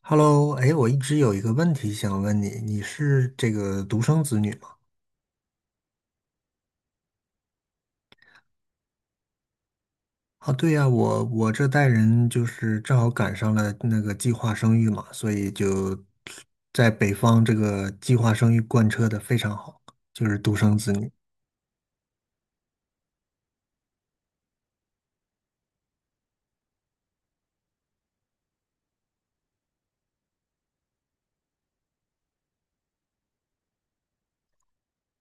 Hello，哎，我一直有一个问题想问你，你是这个独生子女吗？啊，对呀，我这代人就是正好赶上了那个计划生育嘛，所以就在北方这个计划生育贯彻的非常好，就是独生子女。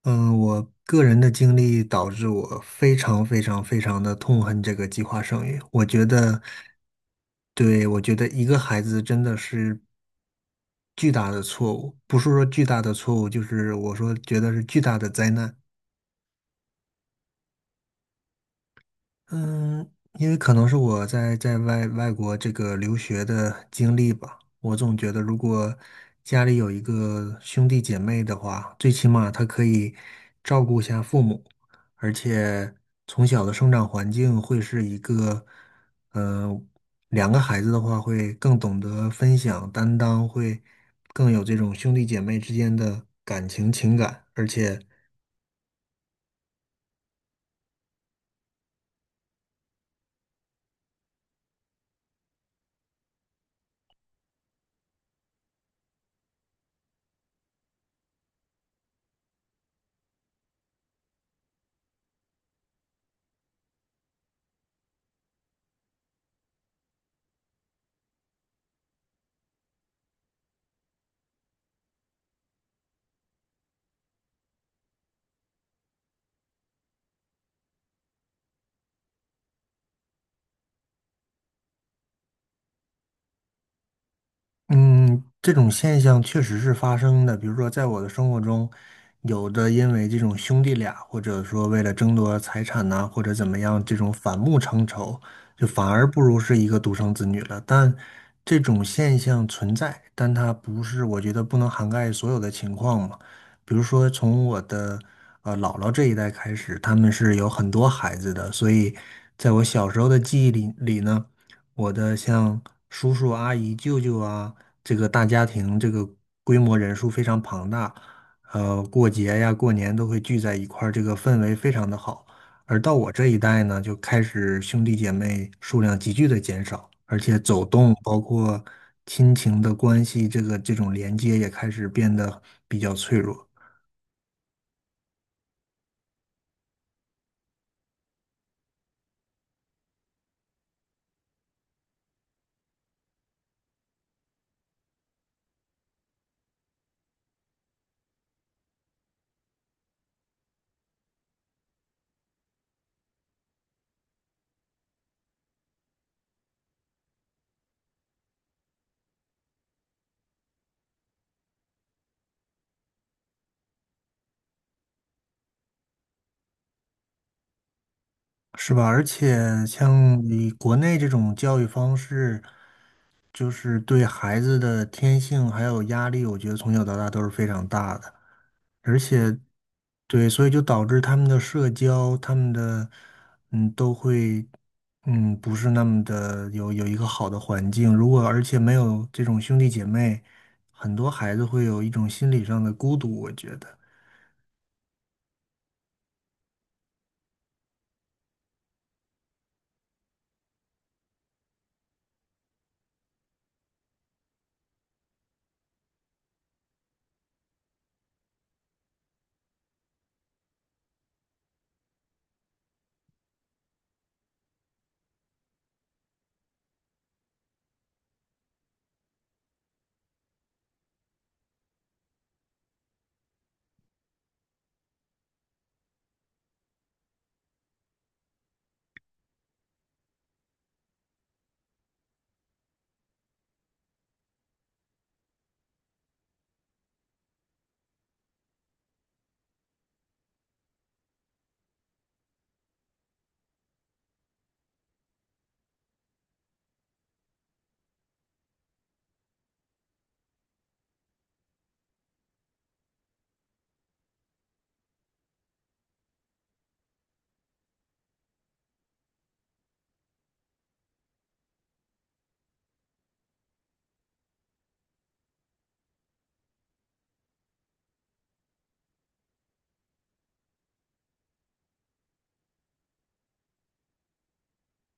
嗯，我个人的经历导致我非常非常非常的痛恨这个计划生育。我觉得，对，我觉得一个孩子真的是巨大的错误，不是说巨大的错误，就是我说觉得是巨大的灾难。嗯，因为可能是我在外国这个留学的经历吧，我总觉得如果家里有一个兄弟姐妹的话，最起码他可以照顾一下父母，而且从小的生长环境会是一个，嗯、两个孩子的话会更懂得分享担当，会更有这种兄弟姐妹之间的感情情感，而且嗯，这种现象确实是发生的。比如说，在我的生活中，有的因为这种兄弟俩，或者说为了争夺财产呐、或者怎么样，这种反目成仇，就反而不如是一个独生子女了。但这种现象存在，但它不是，我觉得不能涵盖所有的情况嘛。比如说，从我的姥姥这一代开始，他们是有很多孩子的，所以在我小时候的记忆里呢。我的像叔叔啊、阿姨、舅舅啊，这个大家庭，这个规模人数非常庞大，过节呀、过年都会聚在一块儿，这个氛围非常的好。而到我这一代呢，就开始兄弟姐妹数量急剧的减少，而且走动，包括亲情的关系，这个这种连接也开始变得比较脆弱。是吧？而且像你国内这种教育方式，就是对孩子的天性还有压力，我觉得从小到大都是非常大的。而且，对，所以就导致他们的社交，他们的都会不是那么的有一个好的环境。如果而且没有这种兄弟姐妹，很多孩子会有一种心理上的孤独，我觉得。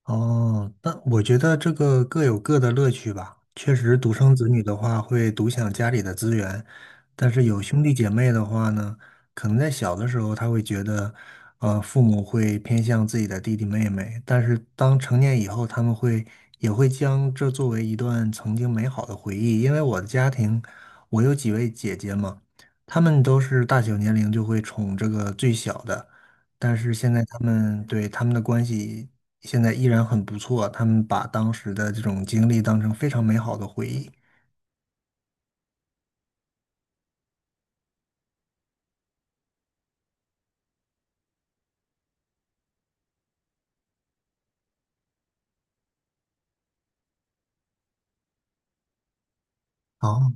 哦，那我觉得这个各有各的乐趣吧。确实，独生子女的话会独享家里的资源，但是有兄弟姐妹的话呢，可能在小的时候他会觉得，父母会偏向自己的弟弟妹妹，但是当成年以后，他们会也会将这作为一段曾经美好的回忆。因为我的家庭，我有几位姐姐嘛，他们都是大小年龄就会宠这个最小的。但是现在他们对他们的关系现在依然很不错，他们把当时的这种经历当成非常美好的回忆。哦，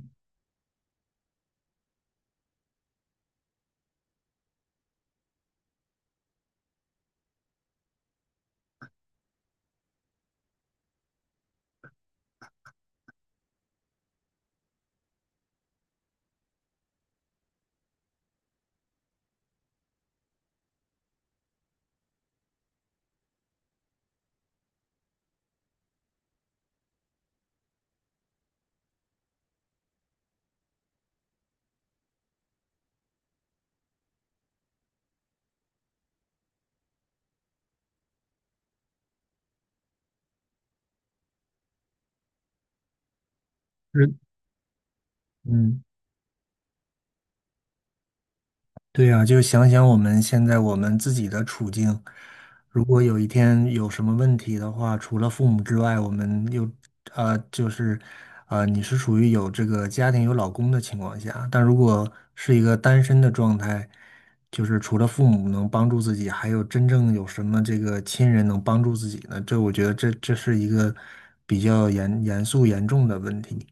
是，嗯，对呀，就想想我们现在我们自己的处境，如果有一天有什么问题的话，除了父母之外，我们又就是，你是属于有这个家庭有老公的情况下，但如果是一个单身的状态，就是除了父母能帮助自己，还有真正有什么这个亲人能帮助自己呢？这我觉得这是一个比较严重的问题。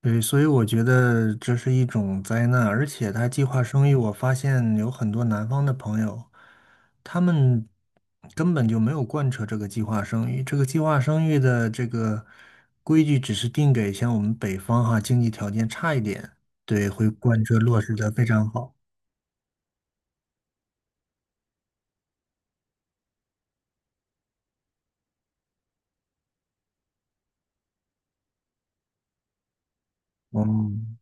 对，所以我觉得这是一种灾难，而且他计划生育，我发现有很多南方的朋友，他们根本就没有贯彻这个计划生育。这个计划生育的这个规矩只是定给像我们北方哈，经济条件差一点，对，会贯彻落实的非常好。嗯，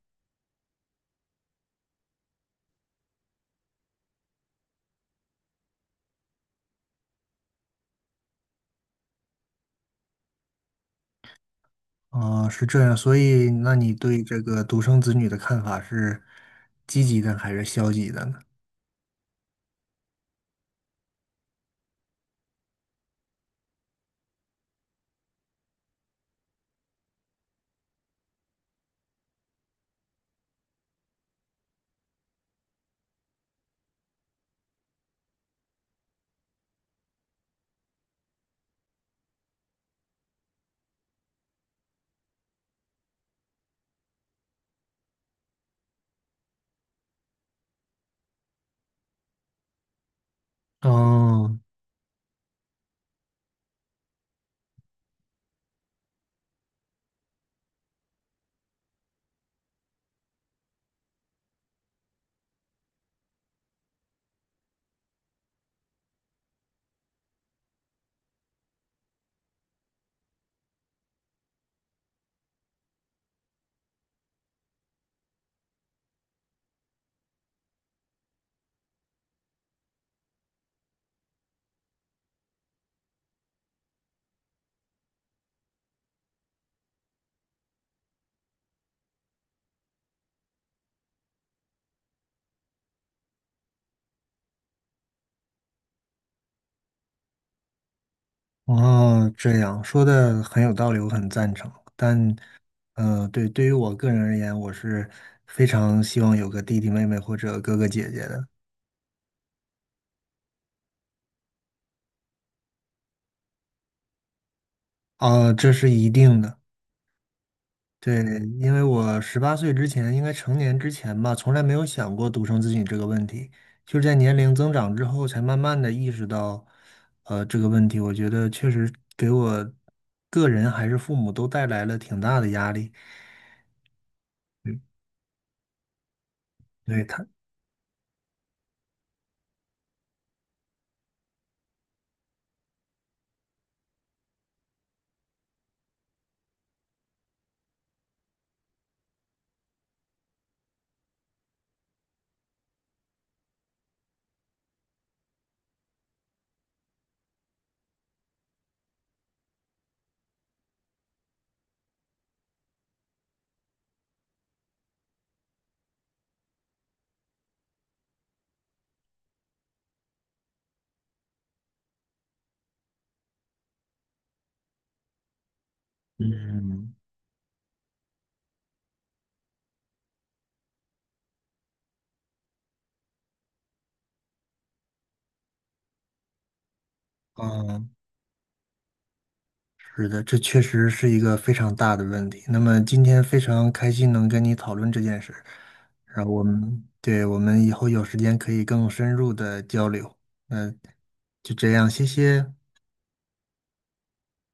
啊，是这样，所以那你对这个独生子女的看法是积极的还是消极的呢？哦，哦，这样说的很有道理，我很赞成。但，对，对于我个人而言，我是非常希望有个弟弟妹妹或者哥哥姐姐的。啊，这是一定的。对，因为我十八岁之前，应该成年之前吧，从来没有想过独生子女这个问题，就是在年龄增长之后，才慢慢的意识到，这个问题。我觉得确实给我个人还是父母都带来了挺大的压力。嗯，对他，嗯。嗯，是的，这确实是一个非常大的问题。那么今天非常开心能跟你讨论这件事，然后我们，对，我们以后有时间可以更深入的交流。那就这样，谢谢。